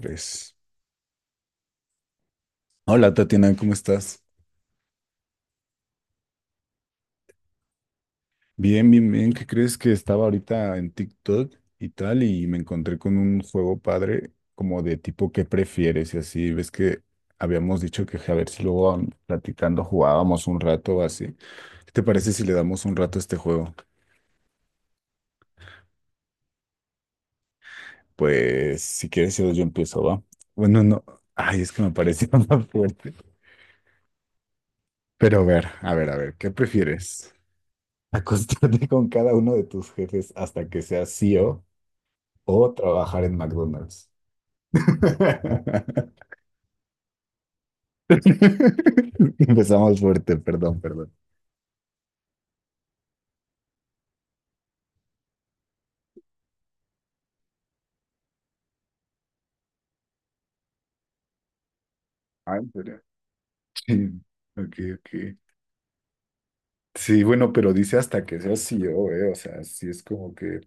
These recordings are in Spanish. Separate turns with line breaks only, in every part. Tres. Hola Tatiana, ¿cómo estás? Bien, bien, bien. ¿Qué crees que estaba ahorita en TikTok y tal? Y me encontré con un juego padre como de tipo ¿qué prefieres? Y así, ves que habíamos dicho que a ver si luego platicando jugábamos un rato o así. ¿Qué te parece si le damos un rato a este juego? Pues si quieres yo empiezo, ¿va? Bueno, no. Ay, es que me pareció más fuerte. Pero a ver, a ver, a ver, ¿qué prefieres? ¿Acostarte con cada uno de tus jefes hasta que seas C E o trabajar en McDonald's. Empezamos fuerte, perdón, perdón. Ah, ¿en serio? Sí, ok, ok. Sí, bueno, pero dice hasta que sea CEO, ¿eh? O sea, sí es como que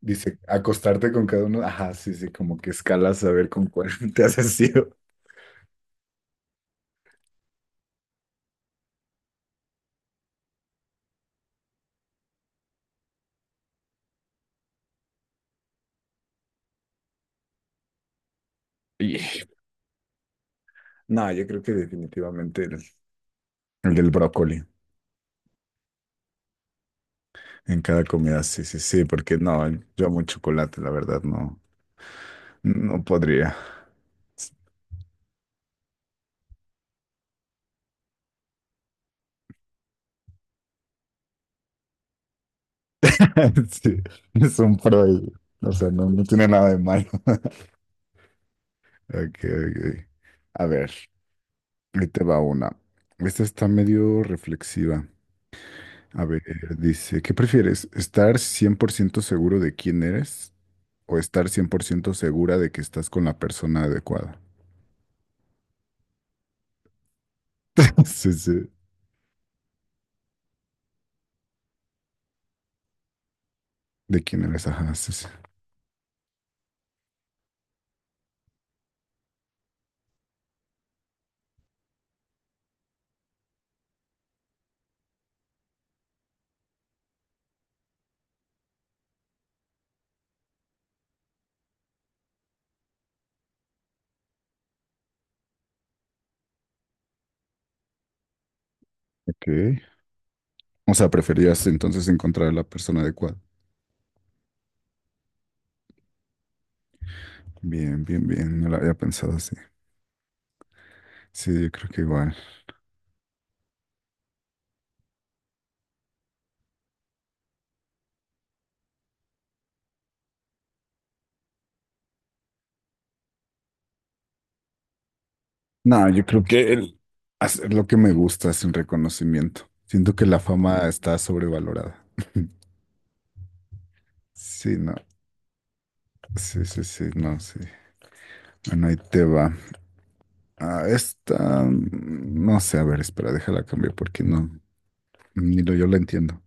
dice acostarte con cada uno. Ajá, sí, sí, como que escalas a ver con cuál te haces CEO. Y, no, yo creo que definitivamente el del brócoli en cada comida, sí, sí, sí, porque no, yo amo el chocolate, la verdad, no, no podría. Sí, es un pro, o sea, no, no tiene nada de malo. Ok, ok. A ver, ahí te va una. Esta está medio reflexiva. A ver, dice, ¿qué prefieres? ¿Estar 100% seguro de quién eres o estar 100% segura de que estás con la persona adecuada? Sí, sí. ¿De quién eres? Ajá, sí, sí. Ok. O sea, preferías entonces encontrar a la persona adecuada. Bien, bien, bien. No la había pensado así. Sí, yo creo que igual. No, yo creo que el hacer lo que me gusta es el reconocimiento. Siento que la fama está sobrevalorada. Sí, no, sí, sí, sí, no, sí. Bueno, ahí te va. Ah, esta, no sé, a ver, espera, déjala cambiar porque no, ni lo yo la entiendo.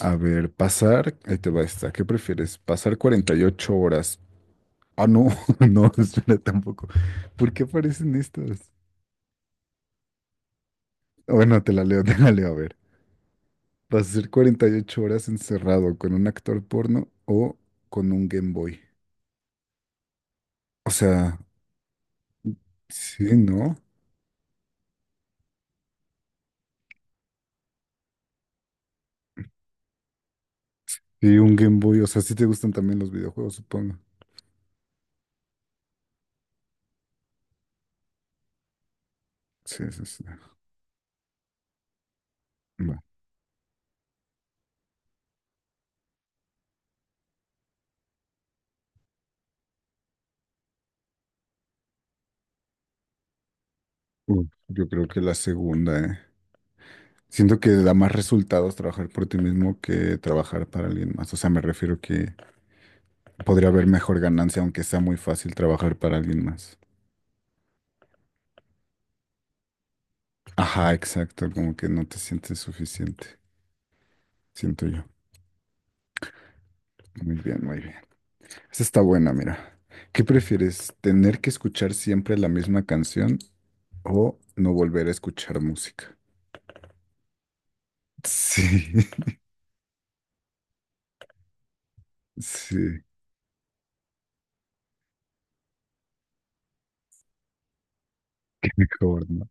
A ver, ahí te va esta. ¿Qué prefieres? ¿Pasar 48 horas? Ah, no, no, espera, tampoco. ¿Por qué aparecen estas? Bueno, te la leo, a ver. ¿Vas a ser 48 horas encerrado con un actor porno o con un Game Boy? O sea, sí, ¿no? Y un Game Boy, o sea, sí te gustan también los videojuegos, supongo. Sí, sí, sí. Va. Uf, yo creo que la segunda, ¿eh? Siento que da más resultados trabajar por ti mismo que trabajar para alguien más. O sea, me refiero que podría haber mejor ganancia, aunque sea muy fácil trabajar para alguien más. Ajá, exacto, como que no te sientes suficiente, siento yo. Muy bien, muy bien. Esa está buena, mira. ¿Qué prefieres? ¿Tener que escuchar siempre la misma canción o no volver a escuchar música? Sí, sí, qué mejor, ¿no?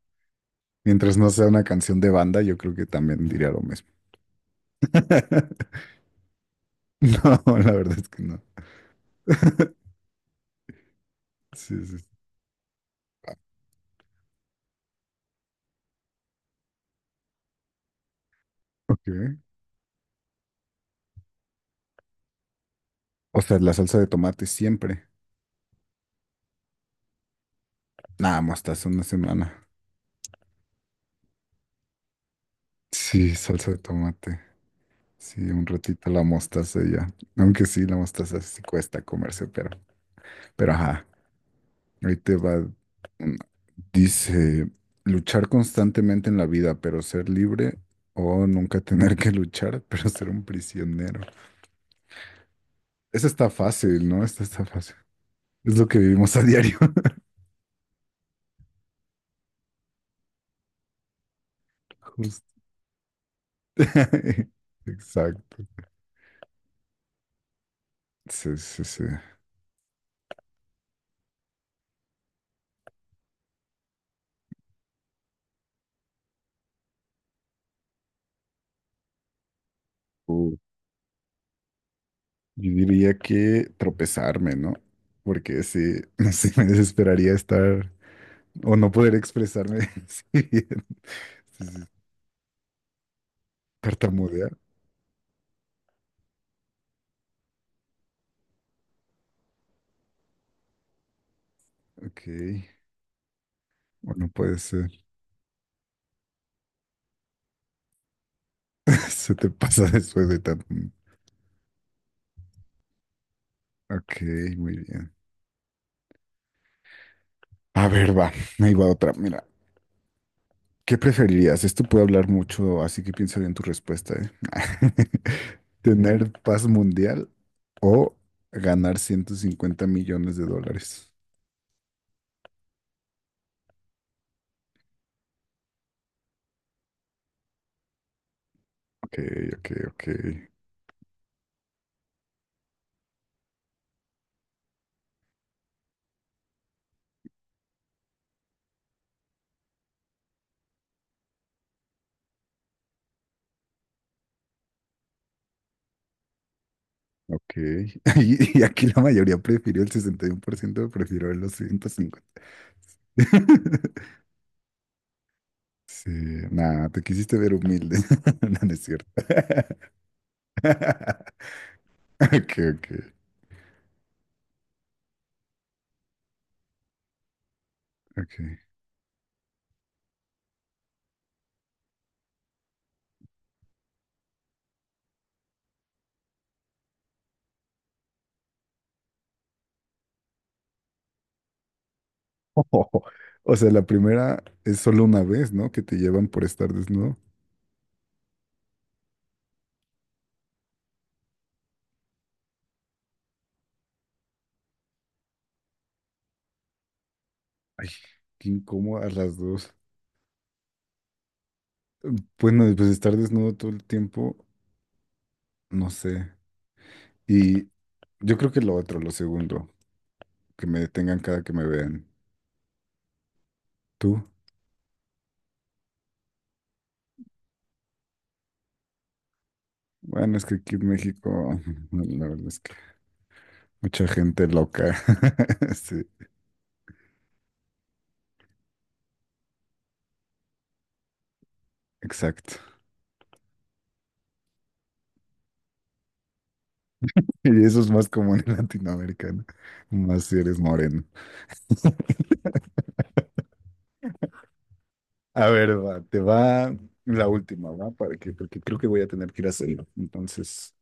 Mientras no sea una canción de banda, yo creo que también diría lo mismo. No, la verdad es que no. Sí, sí, sí. Ok. O sea, la salsa de tomate siempre. Nada, mostaza una semana. Sí, salsa de tomate. Sí, un ratito la mostaza y ya. Aunque sí, la mostaza sí cuesta comerse, pero ajá. Ahí te va. Dice, luchar constantemente en la vida, pero ser libre o nunca tener que luchar, pero ser un prisionero. Eso está fácil, ¿no? Esta está fácil. Es lo que vivimos a diario. Justo. Exacto. Sí, sí, sí. Uh, yo diría que tropezarme, ¿no? Porque sí, no sé, me desesperaría estar o no poder expresarme así bien. Sí, sí. Tartamudear. Ok. O no puede ser. Se te pasa después de tanto. Ok, muy bien. A ver, va, ahí va otra. Mira, ¿qué preferirías? Esto puede hablar mucho, así que piensa bien tu respuesta, ¿eh? ¿Tener paz mundial o ganar 150 millones de dólares? Ok, ok, ok, ok. Y aquí la mayoría prefirió, el 61% prefirió los 150. Sí, nada, te quisiste ver humilde. No, no es cierto. Ok, ok, ok. O sea, la primera es solo una vez, ¿no? Que te llevan por estar desnudo. Ay, qué incómodo a las dos. Bueno, pues estar desnudo todo el tiempo, no sé. Y yo creo que lo otro, lo segundo, que me detengan cada que me vean. ¿Tú? Bueno, es que aquí en México, la verdad es que mucha gente loca. Sí, exacto. Y eso es más común en Latinoamérica, ¿no? Más si eres moreno. A ver, va, te va la última, ¿va? Porque creo que voy a tener que ir a hacerlo. Entonces,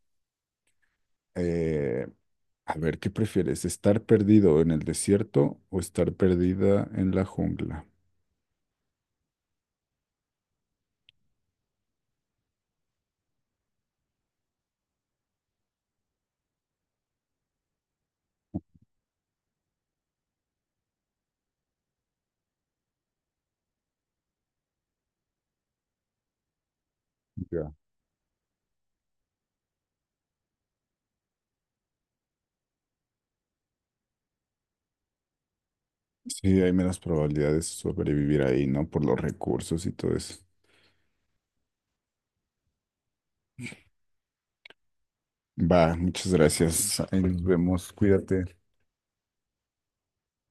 eh, a ver, ¿qué prefieres? ¿Estar perdido en el desierto o estar perdida en la jungla? Ya. Sí, hay menos probabilidades de sobrevivir ahí, ¿no? Por los recursos y todo eso. Va, muchas gracias. Ahí nos vemos. Cuídate.